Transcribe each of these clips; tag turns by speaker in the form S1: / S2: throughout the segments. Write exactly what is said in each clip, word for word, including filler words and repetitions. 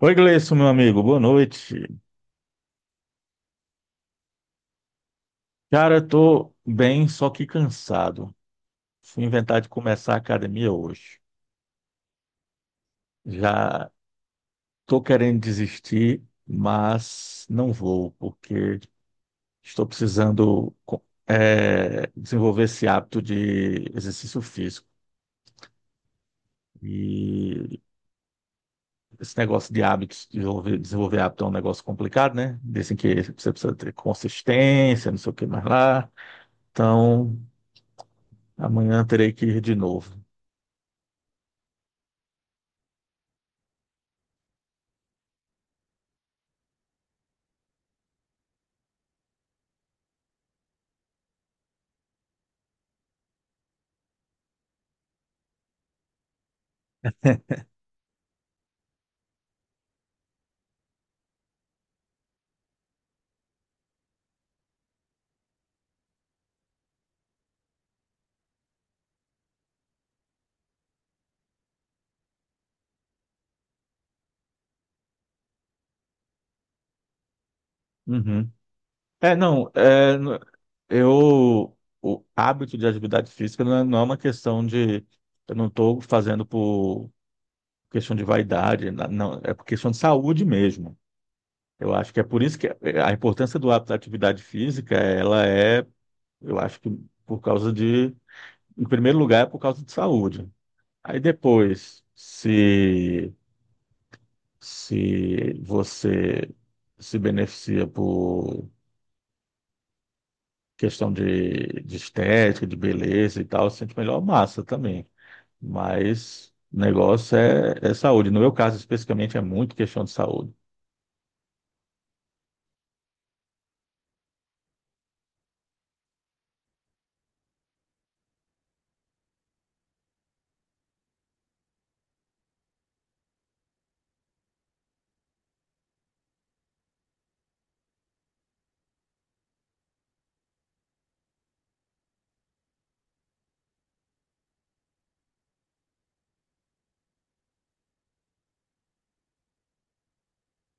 S1: Oi, Gleison, meu amigo, boa noite. Cara, eu tô bem, só que cansado. Fui inventar de começar a academia hoje. Já tô querendo desistir, mas não vou, porque estou precisando co- eh, desenvolver esse hábito de exercício físico. E esse negócio de hábitos, desenvolver, desenvolver hábito é um negócio complicado, né? Dizem que você precisa ter consistência, não sei o que mais lá. Então, amanhã terei que ir de novo. Uhum. É, não, é, n- eu, O hábito de atividade física não é, não é uma questão de, eu não estou fazendo por questão de vaidade, na- não, é por questão de saúde mesmo. Eu acho que é por isso que a importância do hábito da atividade física, ela é, eu acho que por causa de, em primeiro lugar, é por causa de saúde. Aí depois, se, se você se beneficia questão de, de estética, de beleza e tal, sente melhor massa também. Mas o negócio é, é saúde. No meu caso, especificamente, é muito questão de saúde.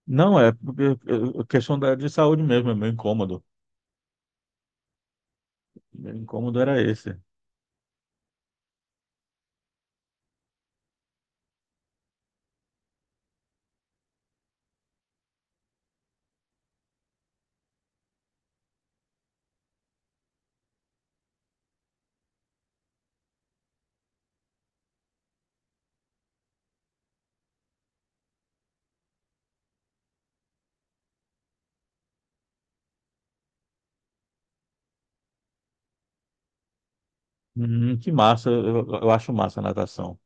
S1: Não, é, porque é questão da, de saúde mesmo, é meu incômodo. Meu incômodo era esse. Hum, que massa, eu, eu acho massa a natação.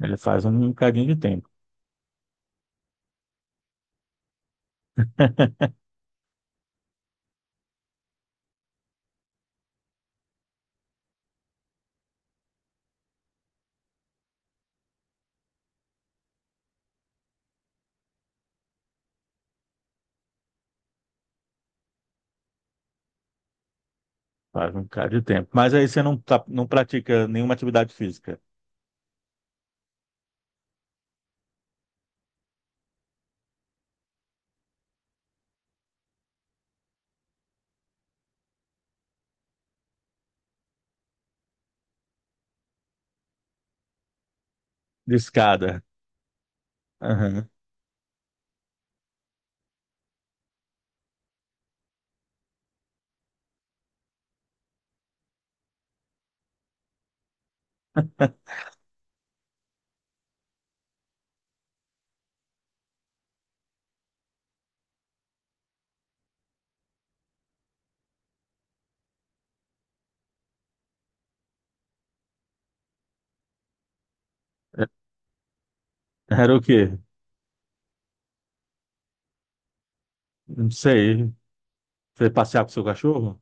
S1: Ele faz um bocadinho de tempo. Faz um bocado de tempo. Mas aí você não, tá- não pratica nenhuma atividade física. De escada. Aham. É, era o quê? Não sei. Você passear com seu cachorro?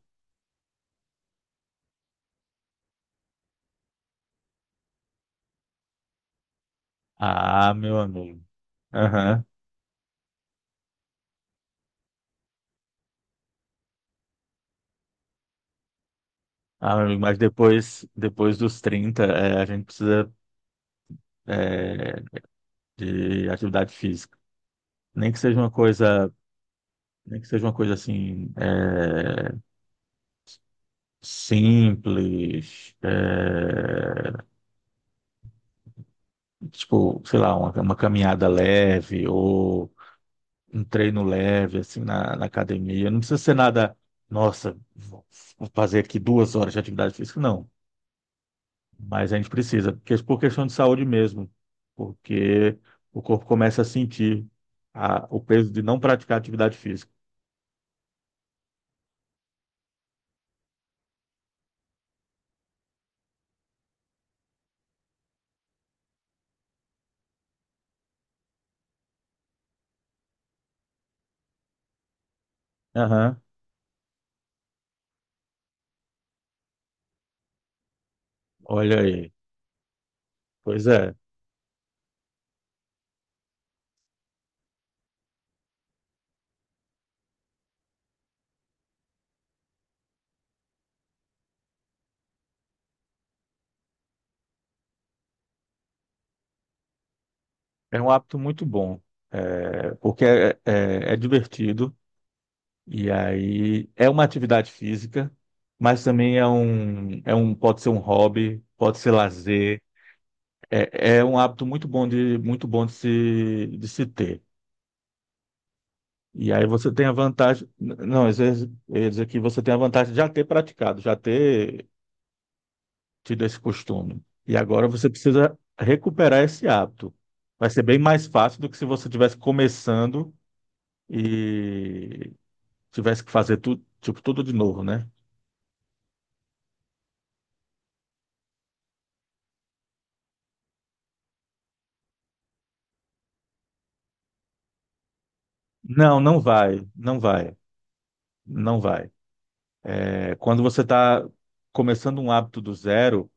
S1: Ah, meu amigo. Aham. Ah, meu amigo, mas depois, depois dos trinta, é, a gente precisa, é, de atividade física. Nem que seja uma coisa, nem que seja uma coisa assim, é, simples, é, tipo, sei lá, uma, uma caminhada leve ou um treino leve, assim, na, na academia. Não precisa ser nada, nossa, vou fazer aqui duas horas de atividade física, não. Mas a gente precisa, porque é por questão de saúde mesmo, porque o corpo começa a sentir a- o peso de não praticar atividade física. Aham. Olha aí. Pois é, é um hábito muito bom, é, porque é, é- é divertido e aí é uma atividade física, mas também é um, é um, pode ser um hobby, pode ser lazer. É, é um hábito muito bom de, muito bom de se, de se ter. E aí você tem a vantagem. Não, às vezes eu ia dizer que você tem a vantagem de já ter praticado, já ter tido esse costume. E agora você precisa recuperar esse hábito. Vai ser bem mais fácil do que se você tivesse começando e tivesse que fazer tudo, tipo, tudo de novo, né? Não, não vai, não vai, não vai. É, quando você está começando um hábito do zero,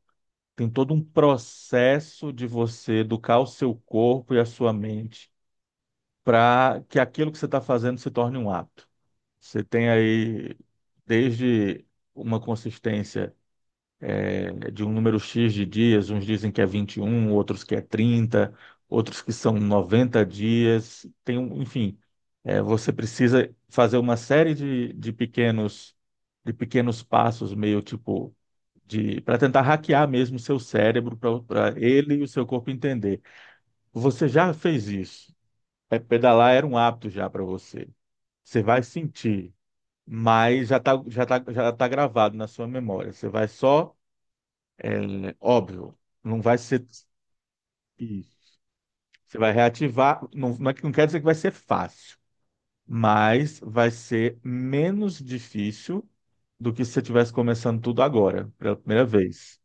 S1: tem todo um processo de você educar o seu corpo e a sua mente para que aquilo que você está fazendo se torne um hábito. Você tem aí desde uma consistência, eh, de um número X de dias, uns dizem que é vinte e um, outros que é trinta, outros que são noventa dias, tem um, enfim, eh, você precisa fazer uma série de, de pequenos de pequenos passos, meio tipo de para tentar hackear mesmo o seu cérebro para ele e o seu corpo entender. Você já fez isso? É, pedalar era um hábito já para você. Você vai sentir, mas já tá, já tá, já tá gravado na sua memória. Você vai só, é, óbvio, não vai ser isso. Você vai reativar, não, não é que- não quer dizer que vai ser fácil, mas vai ser menos difícil do que se você estivesse começando tudo agora, pela primeira vez.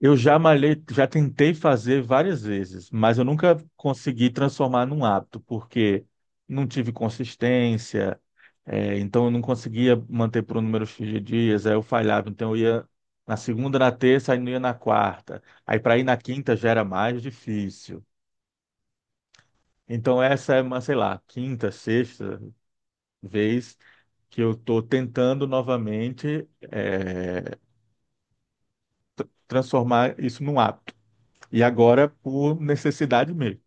S1: Eu já malhei, já tentei fazer várias vezes, mas eu nunca consegui transformar num hábito, porque não tive consistência, é, então eu não conseguia manter por um número X de dias, aí eu falhava, então eu ia na segunda, na terça, aí não ia na quarta. Aí para ir na quinta já era mais difícil. Então essa é uma, sei lá, quinta, sexta vez que eu estou tentando novamente, é, transformar isso num hábito. E agora por necessidade mesmo.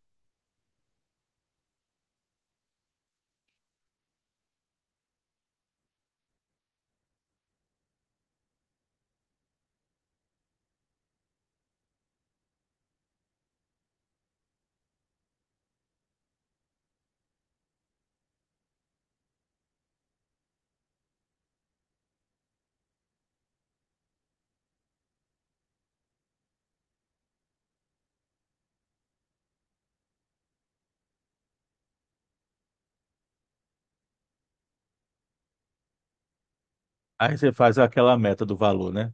S1: Aí você faz aquela meta do valor, né?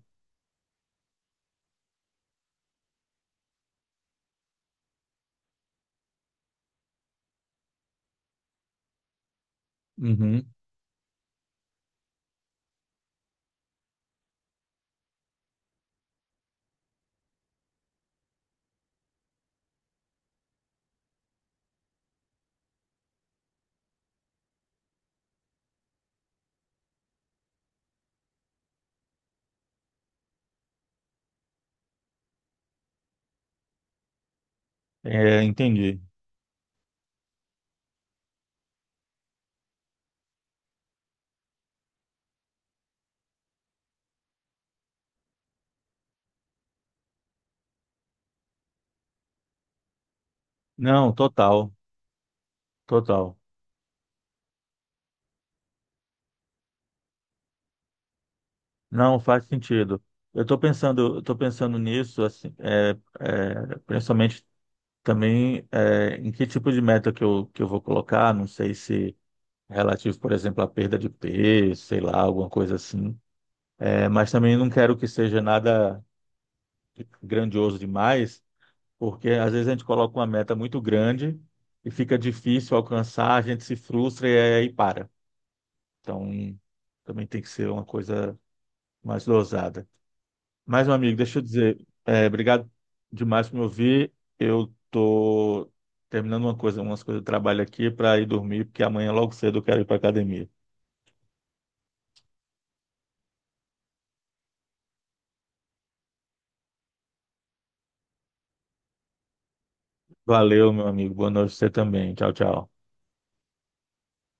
S1: Uhum. É, entendi. Não, total, total. Não faz sentido. Eu estou pensando, eu tô pensando nisso, assim, é, é, principalmente também é, em que tipo de meta que eu, que eu vou colocar. Não sei se relativo, por exemplo, à perda de peso, sei lá, alguma coisa assim. É, mas também não quero que seja nada grandioso demais, porque às vezes a gente coloca uma meta muito grande e fica difícil alcançar, a gente se frustra e aí para. Então, também tem que ser uma coisa mais dosada. Mas, meu amigo, deixa eu dizer, é, obrigado demais por me ouvir. Eu tô terminando uma coisa, umas coisas de trabalho aqui para ir dormir, porque amanhã logo cedo eu quero ir para academia. Valeu, meu amigo. Boa noite pra você também. Tchau, tchau.